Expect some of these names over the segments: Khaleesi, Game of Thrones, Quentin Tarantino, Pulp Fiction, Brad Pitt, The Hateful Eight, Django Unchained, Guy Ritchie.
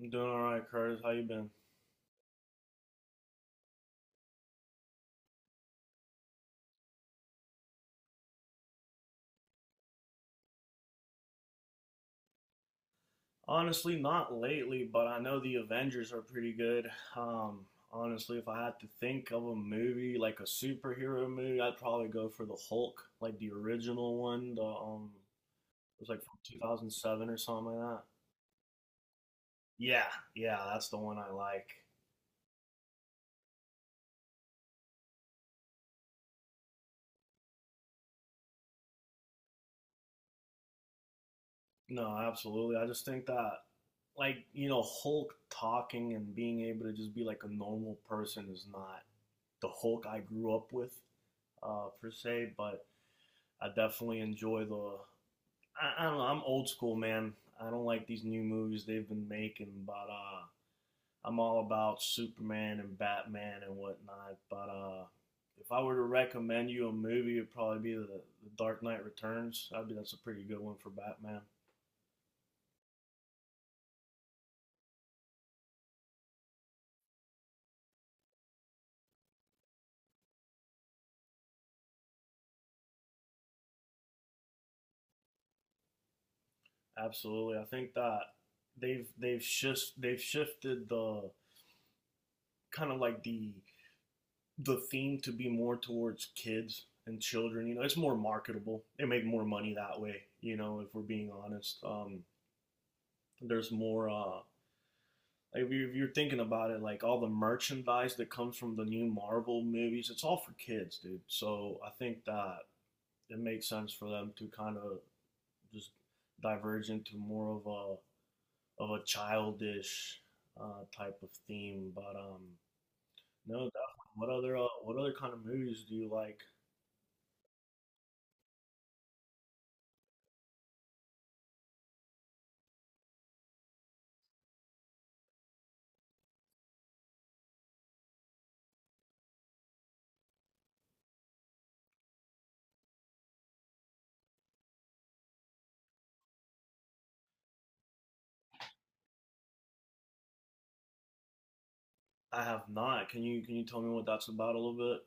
I'm doing all right, Curtis. How you been? Honestly, not lately, but I know the Avengers are pretty good. Um, Honestly, if I had to think of a movie like a superhero movie, I'd probably go for the Hulk, like the original one. The It was like from 2007 or something like that. Yeah, yeah, that's the one I like. No, absolutely. I just think that, like, Hulk talking and being able to just be like a normal person is not the Hulk I grew up with, per se, but. I definitely enjoy the. I don't know. I'm old school, man. I don't like these new movies they've been making, but I'm all about Superman and Batman and whatnot. But if I were to recommend you a movie, it'd probably be the Dark Knight Returns. I would be that's a pretty good one for Batman. Absolutely, I think that they've just they've shifted the kind of like the theme to be more towards kids and children. You know, it's more marketable. They make more money that way. You know, if we're being honest, there's more. If you're thinking about it, like all the merchandise that comes from the new Marvel movies, it's all for kids, dude. So I think that it makes sense for them to kind of just diverge into more of a childish type of theme. But no, definitely. What other kind of movies do you like? I have not. Can you tell me what that's about a little bit?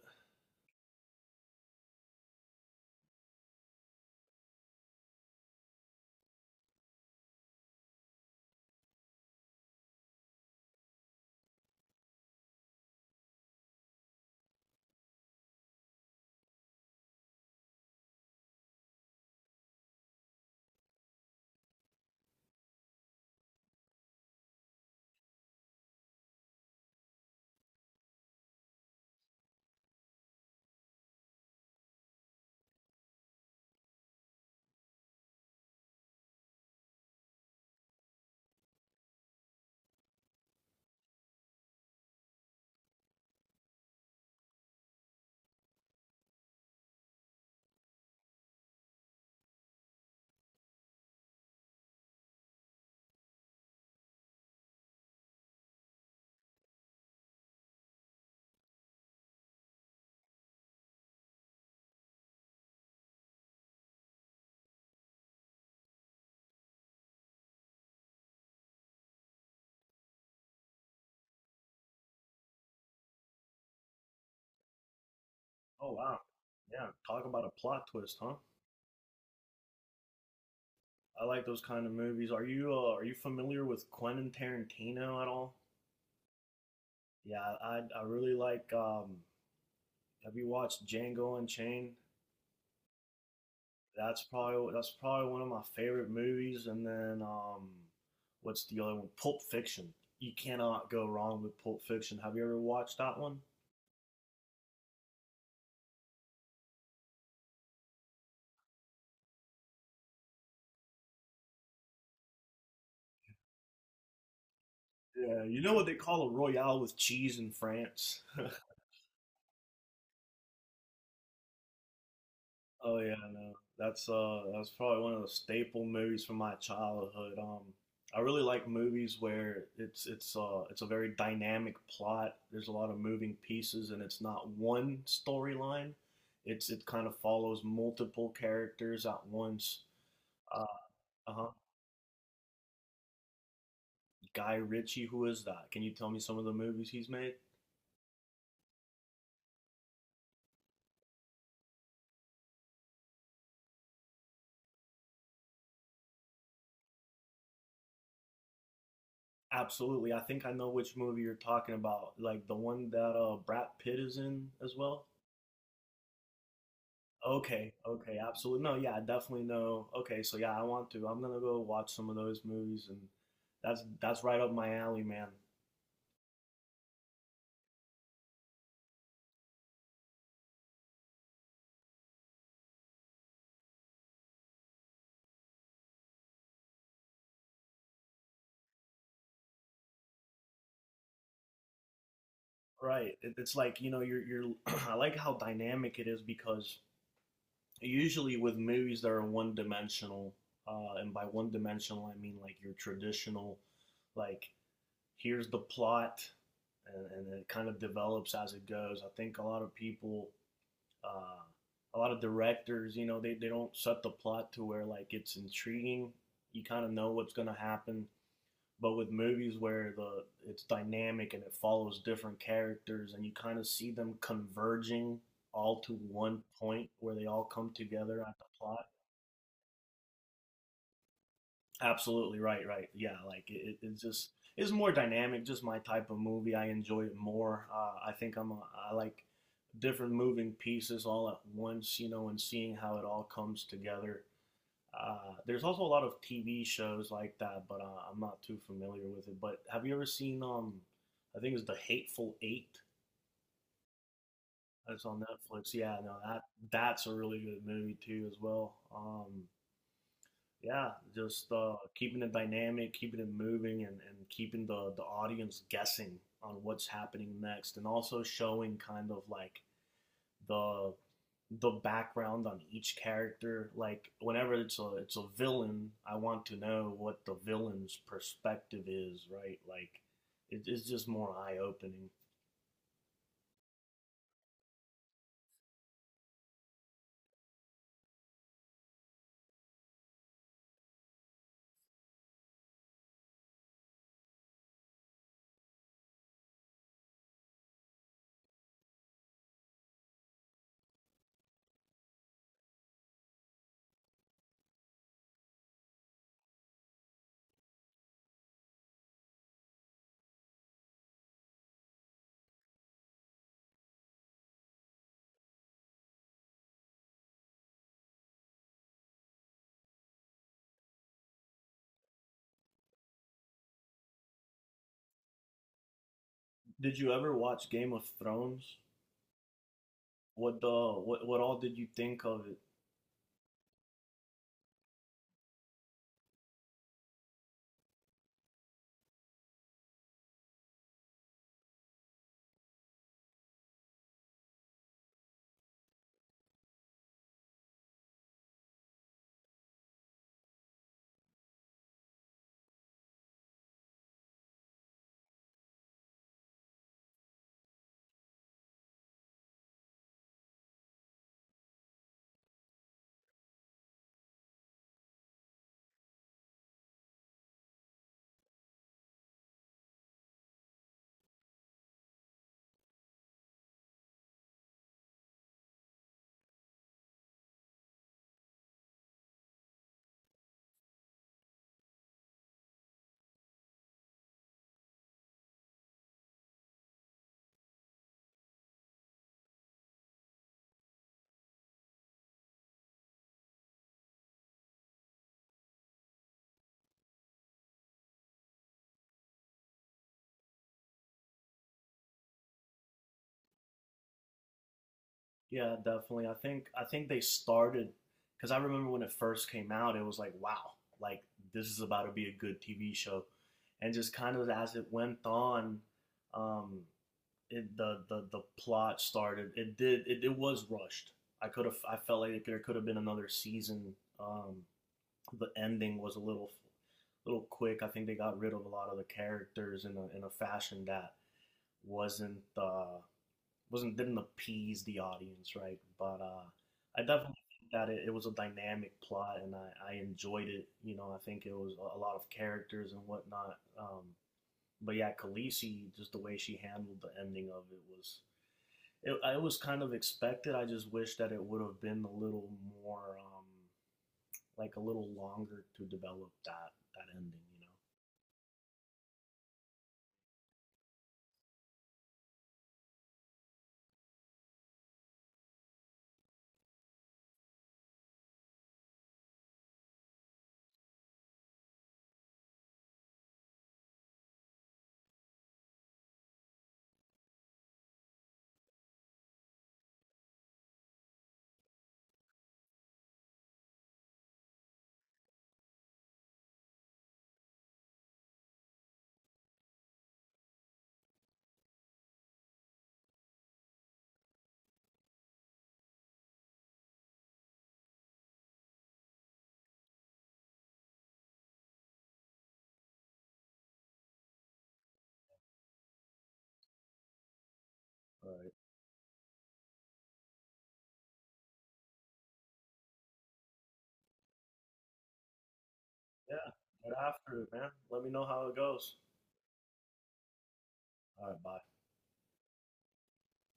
Oh wow. Yeah, talk about a plot twist, huh? I like those kind of movies. Are you familiar with Quentin Tarantino at all? Yeah, I really like have you watched Django Unchained? That's probably one of my favorite movies, and then what's the other one? Pulp Fiction. You cannot go wrong with Pulp Fiction. Have you ever watched that one? Yeah, you know what they call a royale with cheese in France? Oh yeah, no. That's that's probably one of the staple movies from my childhood. I really like movies where it's a very dynamic plot. There's a lot of moving pieces and it's not one storyline. It kind of follows multiple characters at once. Uh, uh-huh. Guy Ritchie, who is that? Can you tell me some of the movies he's made? Absolutely. I think I know which movie you're talking about. Like the one that Brad Pitt is in as well. Okay, okay, absolutely. No, yeah, I definitely know. Okay, so yeah, I want to. I'm gonna go watch some of those movies, and that's right up my alley, man. Right. It, it's like you know, you're you're. I like how dynamic it is because usually with movies that are one dimensional, and by one dimensional I mean like your traditional, like here's the plot, and it kind of develops as it goes. I think a lot of people uh, a lot of directors, you know, they don't set the plot to where like it's intriguing. You kind of know what's gonna happen. But with movies where the it's dynamic and it follows different characters and you kind of see them converging all to one point where they all come together at the plot. Absolutely right, right. Yeah, like it just is more dynamic, just my type of movie. I enjoy it more. I think I'm a, I like different moving pieces all at once, you know, and seeing how it all comes together. There's also a lot of TV shows like that, but I'm not too familiar with it. But have you ever seen I think it's The Hateful Eight? That's on Netflix. Yeah, no, that's a really good movie too as well. Yeah, just keeping it dynamic, keeping it moving, and keeping the audience guessing on what's happening next, and also showing kind of like the the background on each character. Like whenever it's a villain, I want to know what the villain's perspective is, right? Like it's just more eye opening. Did you ever watch Game of Thrones? What the what all did you think of it? Yeah, definitely. I think they started because I remember when it first came out, it was like, wow, like this is about to be a good TV show, and just kind of as it went on, um, the plot started. It did. It was rushed. I could have. I felt like there could have been another season. The ending was a little quick. I think they got rid of a lot of the characters in a fashion that wasn't uh, wasn't didn't appease the audience, right? But I definitely think that it was a dynamic plot, and I enjoyed it. You know, I think it was a lot of characters and whatnot. But yeah, Khaleesi, just the way she handled the ending of it was it was kind of expected. I just wish that it would have been a little more like a little longer to develop that ending. You know, but yeah. But after it, man, let me know how it goes. All right, bye.